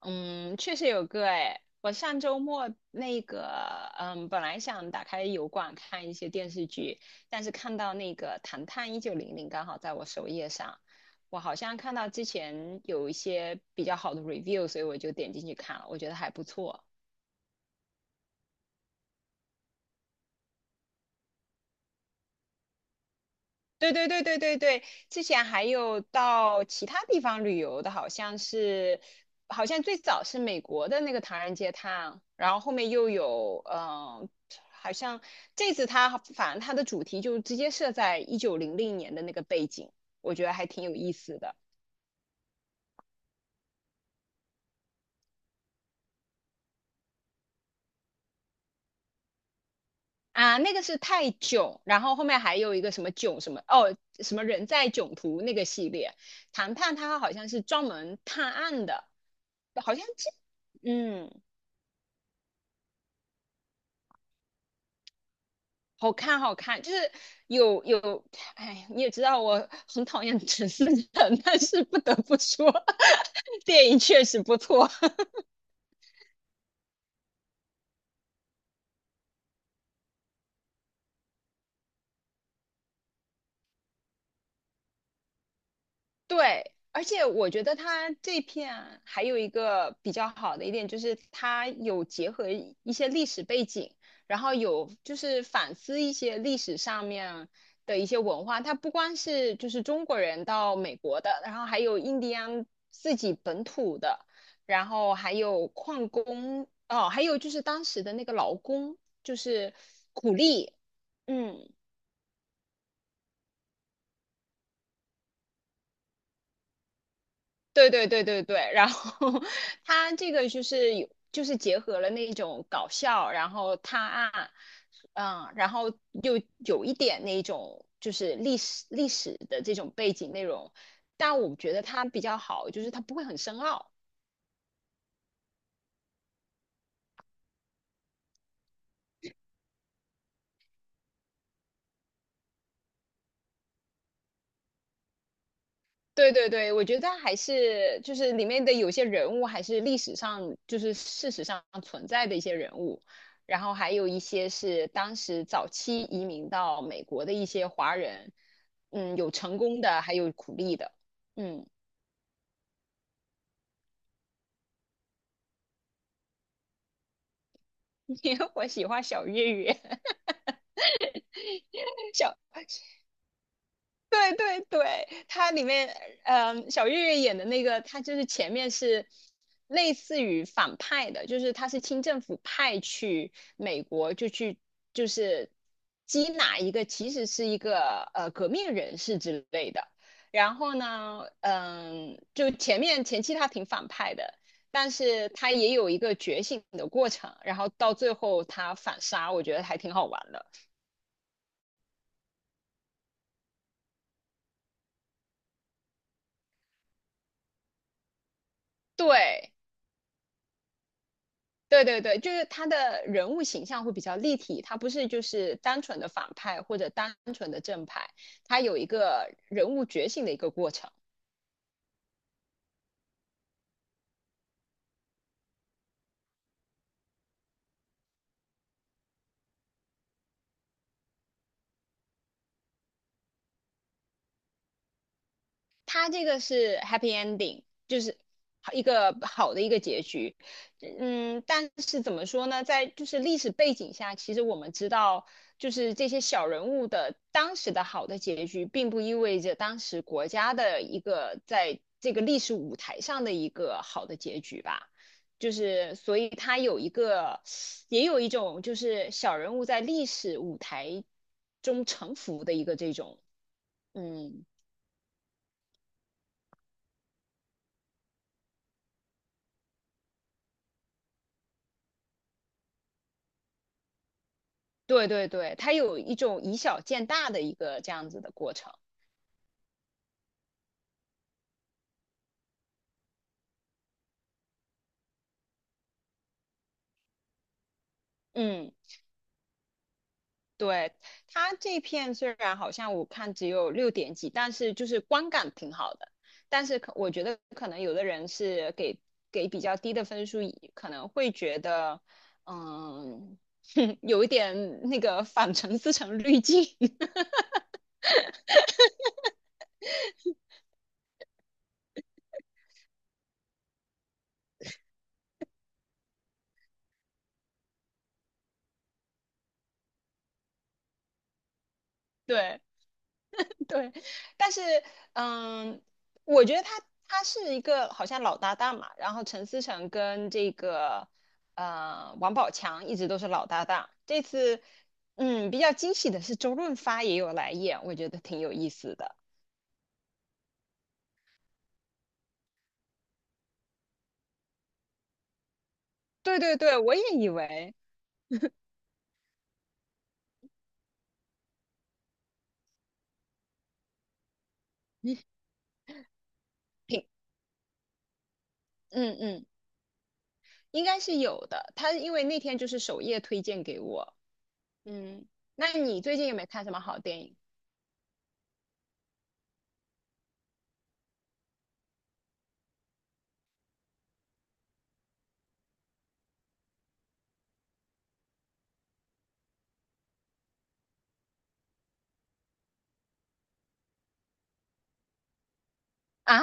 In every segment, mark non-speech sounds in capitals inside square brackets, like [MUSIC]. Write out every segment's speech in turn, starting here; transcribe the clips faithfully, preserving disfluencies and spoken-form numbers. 嗯，确实有个哎，我上周末那个，嗯，本来想打开油管看一些电视剧，但是看到那个《唐探一九零零》刚好在我首页上，我好像看到之前有一些比较好的 review，所以我就点进去看了，我觉得还不错。对对对对对对，之前还有到其他地方旅游的，好像是，好像最早是美国的那个唐人街探，然后后面又有，嗯、好像这次它反正它的主题就直接设在一九零零年的那个背景，我觉得还挺有意思的啊。那个是泰囧，然后后面还有一个什么囧什么哦，什么人在囧途那个系列，唐判它好像是专门探案的，好像这，嗯。好看，好看，就是有有，哎，你也知道我很讨厌 [LAUGHS] 陈思诚，但是不得不说，[LAUGHS] 电影确实不错。对，而且我觉得它这片还有一个比较好的一点，就是它有结合一一些历史背景，然后有就是反思一些历史上面的一些文化。它不光是就是中国人到美国的，然后还有印第安自己本土的，然后还有矿工，哦，还有就是当时的那个劳工，就是苦力，嗯对对对对对，然后 [LAUGHS] 他这个就是有，就是结合了那种搞笑，然后探案，嗯，然后又有一点那种就是历史历史的这种背景内容，但我觉得它比较好，就是它不会很深奥，对对对，我觉得还是就是里面的有些人物还是历史上就是事实上存在的一些人物，然后还有一些是当时早期移民到美国的一些华人，嗯，有成功的，还有苦力的，嗯，[LAUGHS] 因为我喜欢小岳岳，[LAUGHS] 小对对对，它里面，嗯，小岳岳演的那个，他就是前面是类似于反派的，就是他是清政府派去美国，就去就是缉拿一个其实是一个呃革命人士之类的。然后呢，嗯，就前面前期他挺反派的，但是他也有一个觉醒的过程，然后到最后他反杀，我觉得还挺好玩的。对。对对对，就是他的人物形象会比较立体，他不是就是单纯的反派或者单纯的正派，他有一个人物觉醒的一个过程。它这个是 happy ending,就是一个好的一个结局。嗯，但是怎么说呢，在就是历史背景下，其实我们知道，就是这些小人物的当时的好的结局，并不意味着当时国家的一个在这个历史舞台上的一个好的结局吧。就是，所以它有一个，也有一种就是小人物在历史舞台中沉浮的一个这种，嗯。对对对，它有一种以小见大的一个这样子的过程。嗯，对，它这片虽然好像我看只有六点几，但是就是观感挺好的。但是可我觉得可能有的人是给给比较低的分数，可能会觉得，嗯，[LAUGHS] 有一点那个反程思成滤镜。[LAUGHS] 对，对，但是嗯，我觉得他他是一个好像老搭档嘛，然后陈思诚跟这个呃王宝强一直都是老搭档。这次嗯比较惊喜的是周润发也有来演，我觉得挺有意思的。对对对，我也以为 [LAUGHS] 你挺嗯嗯应该是有的。他因为那天就是首页推荐给我，嗯，那你最近有没有看什么好电影啊？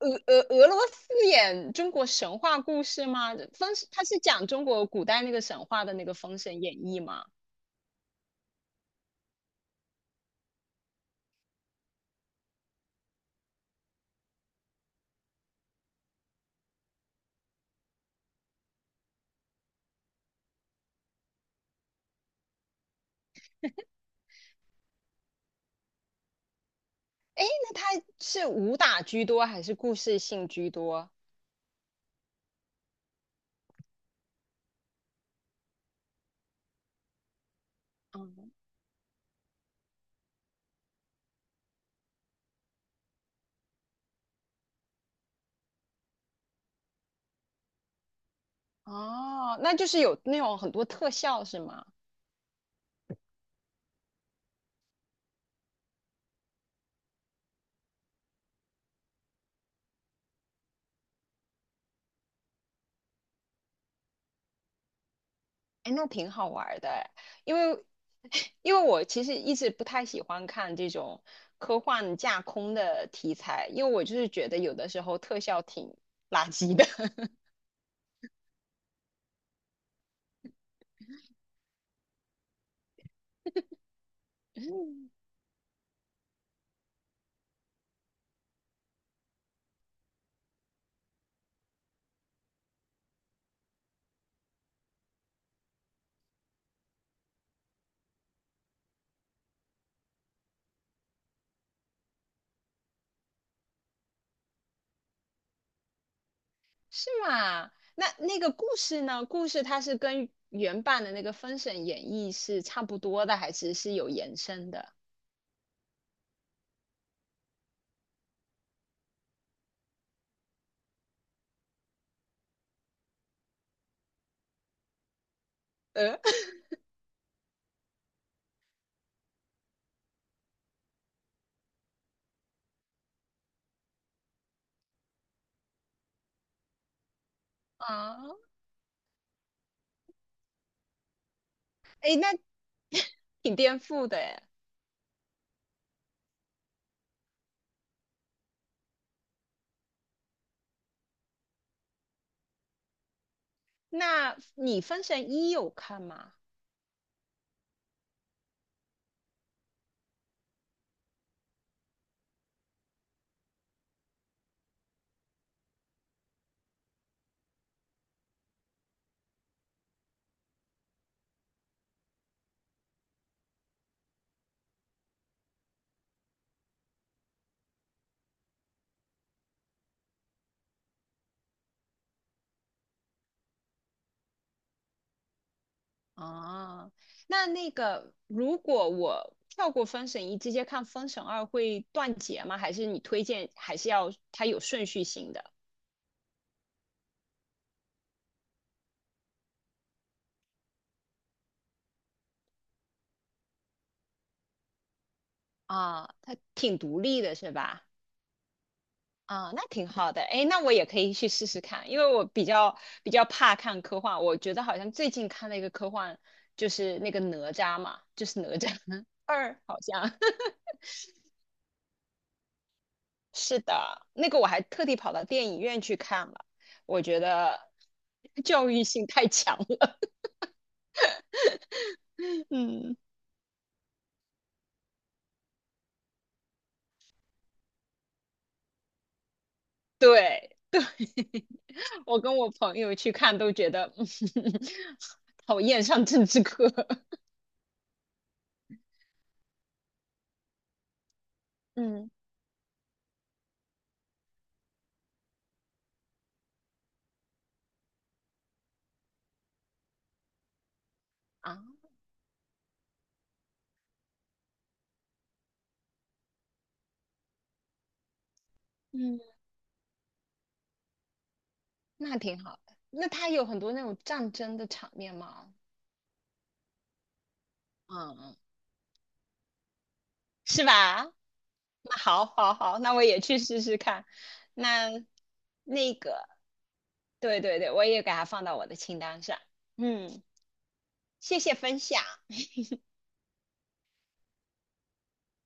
俄俄俄罗斯演中国神话故事吗？封他是讲中国古代那个神话的那个《封神演义》吗？那他是武打居多还是故事性居多？嗯，哦，那就是有那种很多特效是吗？哎，那挺好玩儿的诶因为 [LAUGHS] 因为我其实一直不太喜欢看这种科幻架空的题材，因为我就是觉得有的时候特效挺垃圾的。[LAUGHS] 是吗？那那个故事呢？故事它是跟原版的那个《封神演义》是差不多的，还是是有延伸的？呃，[LAUGHS] 啊，哎，那挺颠覆的哎。那你《封神一》有看吗？啊，那那个如果我跳过《封神一》，直接看《封神二》会断节吗？还是你推荐还是要它有顺序性的？啊，它挺独立的是吧？啊，那挺好的，哎，那我也可以去试试看，因为我比较比较怕看科幻，我觉得好像最近看了一个科幻，就是那个哪吒嘛，就是哪吒 [LAUGHS] 二，好像 [LAUGHS] 是的，那个我还特地跑到电影院去看了，我觉得教育性太强了，[LAUGHS] 嗯，对对，[LAUGHS] 我跟我朋友去看都觉得 [LAUGHS]，嗯讨厌上政治课，[LAUGHS] 嗯啊，嗯。那挺好的。那它有很多那种战争的场面吗？嗯嗯，是吧？那好，好，好，那我也去试试看。那那个，对对对，我也给它放到我的清单上。嗯，谢谢分享。